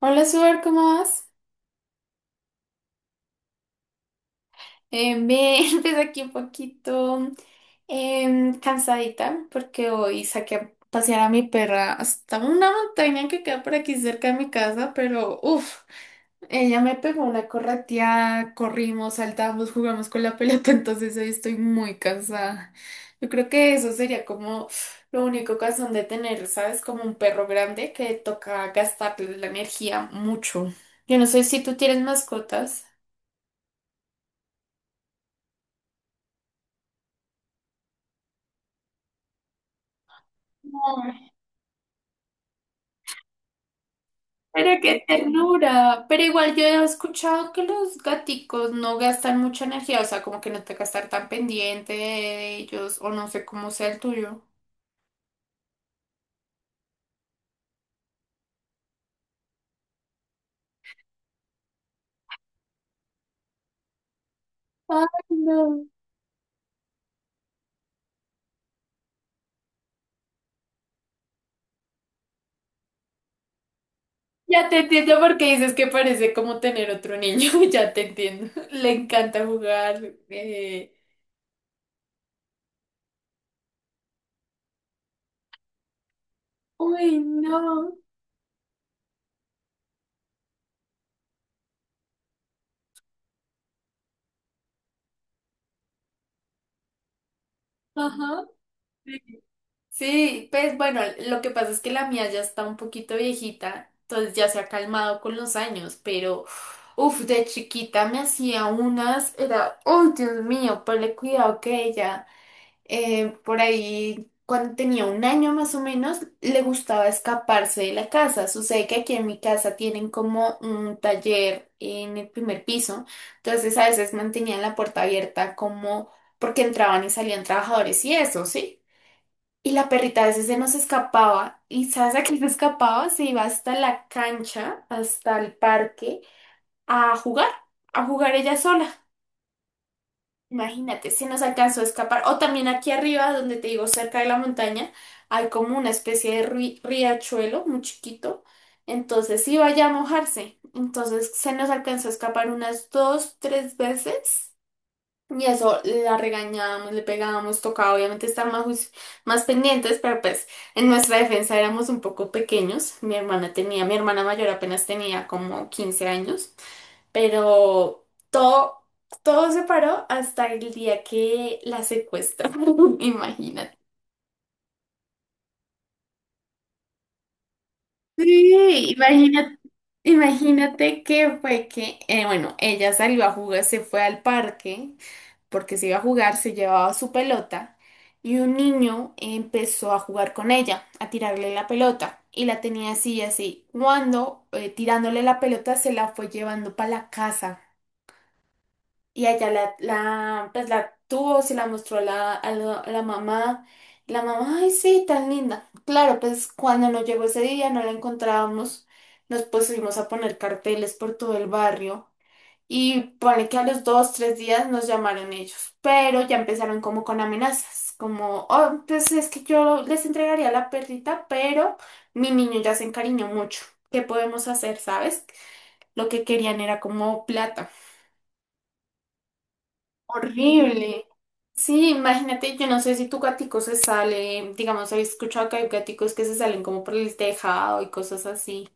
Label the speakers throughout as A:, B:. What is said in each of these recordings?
A: Hola, Suar, ¿cómo vas? Bien, pues aquí un poquito cansadita porque hoy saqué a pasear a mi perra hasta una montaña que queda por aquí cerca de mi casa, pero uff, ella me pegó una correteada, corrimos, saltamos, jugamos con la pelota, entonces hoy estoy muy cansada. Yo creo que eso sería como lo único cansón de tener, ¿sabes? Como un perro grande que toca gastarle la energía mucho. Yo no sé si tú tienes mascotas. Pero qué ternura. Pero igual yo he escuchado que los gaticos no gastan mucha energía, o sea, como que no te que estar tan pendiente de ellos, o no sé cómo sea el tuyo. Ay, no. Ya te entiendo porque dices que parece como tener otro niño, ya te entiendo. Le encanta jugar. Uy, no. Ajá. Sí, pues bueno, lo que pasa es que la mía ya está un poquito viejita, entonces ya se ha calmado con los años, pero uff, de chiquita me hacía unas, era, oh Dios mío, ponle cuidado que ella, por ahí cuando tenía un año más o menos, le gustaba escaparse de la casa. Sucede que aquí en mi casa tienen como un taller en el primer piso, entonces a veces mantenían la puerta abierta como porque entraban y salían trabajadores y eso, ¿sí? Y la perrita a veces se nos escapaba. ¿Y sabes a qué se escapaba? Se iba hasta la cancha, hasta el parque, a jugar, a jugar ella sola. Imagínate, se nos alcanzó a escapar. O también aquí arriba, donde te digo, cerca de la montaña, hay como una especie de riachuelo muy chiquito. Entonces iba ya a mojarse. Entonces se nos alcanzó a escapar unas dos, tres veces. Y eso la regañábamos, le pegábamos, tocaba obviamente estar más, más pendientes, pero pues en nuestra defensa éramos un poco pequeños. Mi hermana tenía, mi hermana mayor apenas tenía como 15 años, pero todo se paró hasta el día que la secuestraron, imagínate. Sí, imagínate, que fue que, bueno, ella salió a jugar, se fue al parque porque se iba a jugar, se llevaba su pelota y un niño empezó a jugar con ella, a tirarle la pelota y la tenía así y así. Cuando tirándole la pelota se la fue llevando para la casa. Y allá pues la tuvo, se la mostró a la mamá. Y la mamá, ay, sí, tan linda. Claro, pues cuando nos llegó ese día no la encontrábamos, nos pusimos a poner carteles por todo el barrio. Y pone que a los dos, tres días nos llamaron ellos, pero ya empezaron como con amenazas, como, oh, pues es que yo les entregaría la perrita, pero mi niño ya se encariñó mucho. ¿Qué podemos hacer, sabes? Lo que querían era como plata. Horrible. Sí, imagínate, yo no sé si tu gatico se sale, digamos, he escuchado que hay gaticos que se salen como por el tejado y cosas así.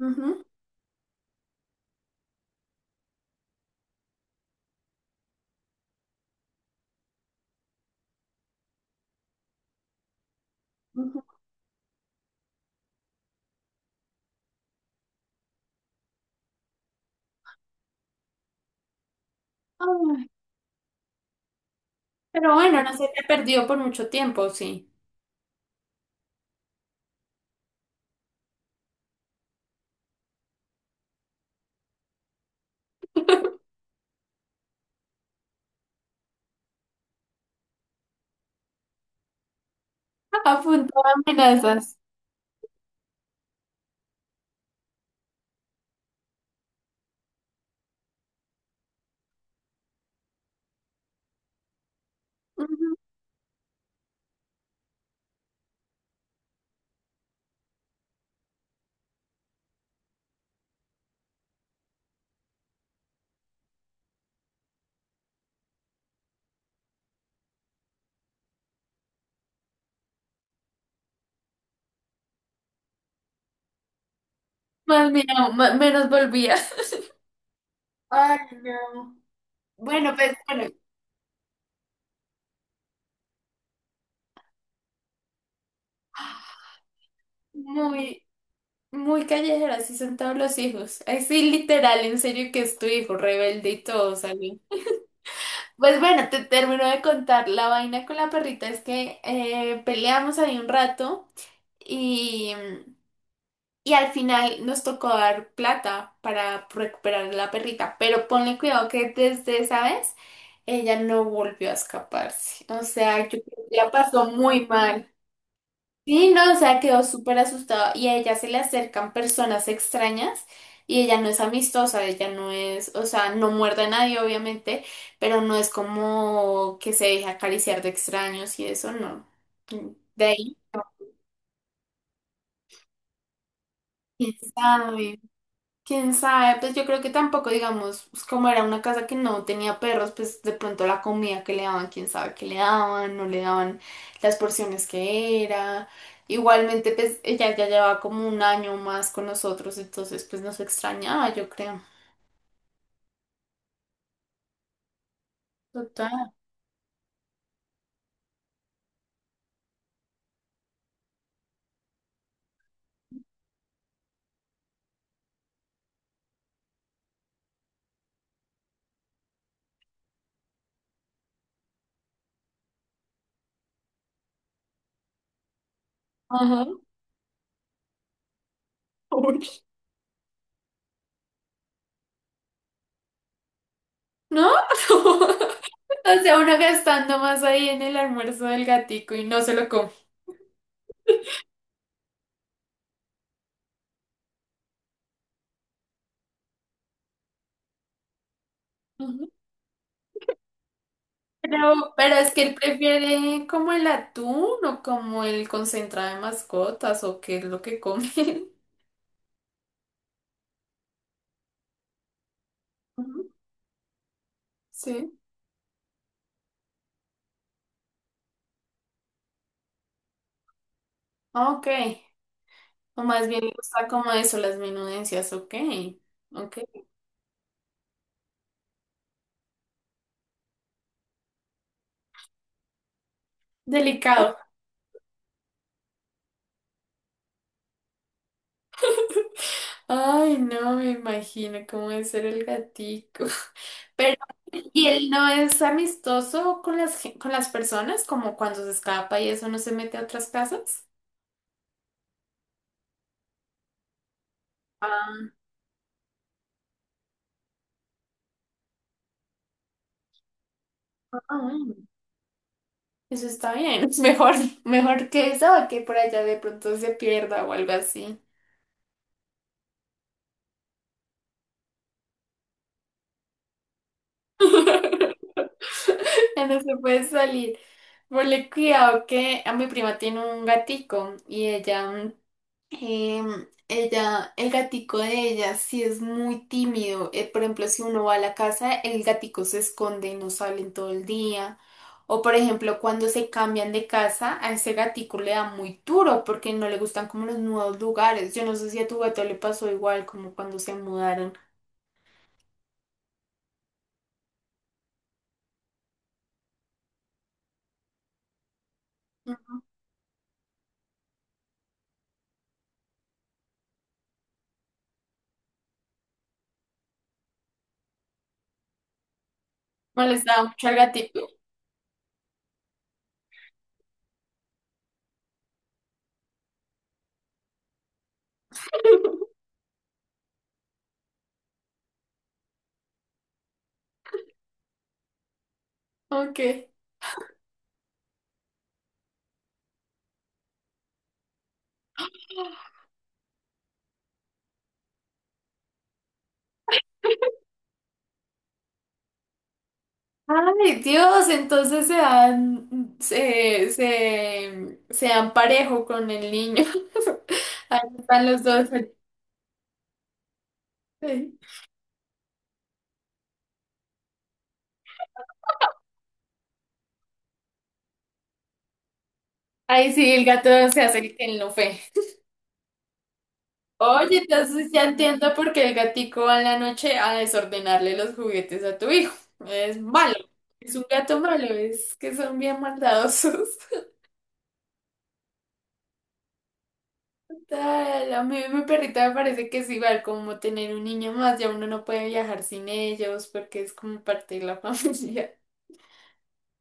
A: Ujú, ujú. Ay, pero bueno, no se te perdió por mucho tiempo, sí. A punto de amenazas. Ujú. Más bien, menos volvía. Ay, no. Bueno, pues bueno, muy, muy callejera, así son todos los hijos. Ay, sí, literal, en serio que es tu hijo rebelde y todo, salió. Pues bueno, te termino de contar la vaina con la perrita, es que peleamos ahí un rato y, y al final nos tocó dar plata para recuperar a la perrita, pero ponle cuidado que desde esa vez ella no volvió a escaparse, o sea, yo creo que la pasó muy mal. Sí, no, o sea, quedó súper asustado y a ella se le acercan personas extrañas y ella no es amistosa, ella no es, o sea, no muerde a nadie obviamente, pero no es como que se deje acariciar de extraños y eso no. De ahí, quién sabe. Quién sabe, pues yo creo que tampoco, digamos, pues como era una casa que no tenía perros, pues de pronto la comida que le daban, quién sabe qué le daban, no le daban las porciones que era. Igualmente, pues ella ya llevaba como un año más con nosotros, entonces pues nos extrañaba, yo creo. Total. Ajá. Uy. ¿No? O sea, uno gastando más ahí en el almuerzo del gatico y no se lo come. Pero es que él prefiere como el atún o como el concentrado de mascotas o qué es lo que come. Ujú, sí. Ah, ok. O más bien le gusta como eso, las menudencias. Ok. Ok. Delicado. Ay, no me imagino cómo debe ser el gatico. Pero, ¿y él no es amistoso con las, con las personas? Como cuando se escapa y eso no se mete a otras casas. Ah, eso está bien. Mejor, mejor que eso a que por allá de pronto se pierda o algo así. Ya no se puede salir. Ponle cuidado que a mi prima tiene un gatico y ella ella, el gatico de ella sí es muy tímido. Por ejemplo, si uno va a la casa, el gatico se esconde y no salen todo el día. O por ejemplo, cuando se cambian de casa, a ese gatico le da muy duro porque no le gustan como los nuevos lugares. Yo no sé si a tu gato le pasó igual como cuando se mudaron. Mm, Molestaba mucho al gatico. Ok. Ay, Dios, entonces se dan parejo con el niño. Ahí están los dos. Ay, sí, el gato se hace el que él no fue. Oye, entonces ya entiendo por qué el gatico va en la noche a desordenarle los juguetes a tu hijo. Es malo. Es un gato malo, es que son bien maldadosos. Tal, a mí mi perrita me parece que es igual como tener un niño más, ya uno no puede viajar sin ellos porque es como parte de la familia.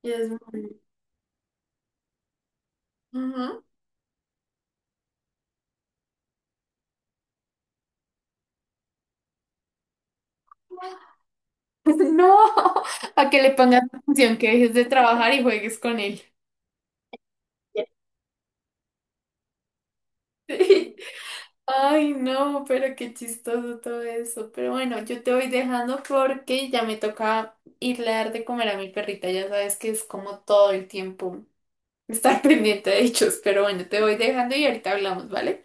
A: Y es muy... Ujú. No, a que le pongas atención, que dejes de trabajar y juegues con él. Sí. Ay, no, pero qué chistoso todo eso. Pero bueno, yo te voy dejando porque ya me toca irle a dar de comer a mi perrita. Ya sabes que es como todo el tiempo estar pendiente de ellos. Pero bueno, te voy dejando y ahorita hablamos, ¿vale?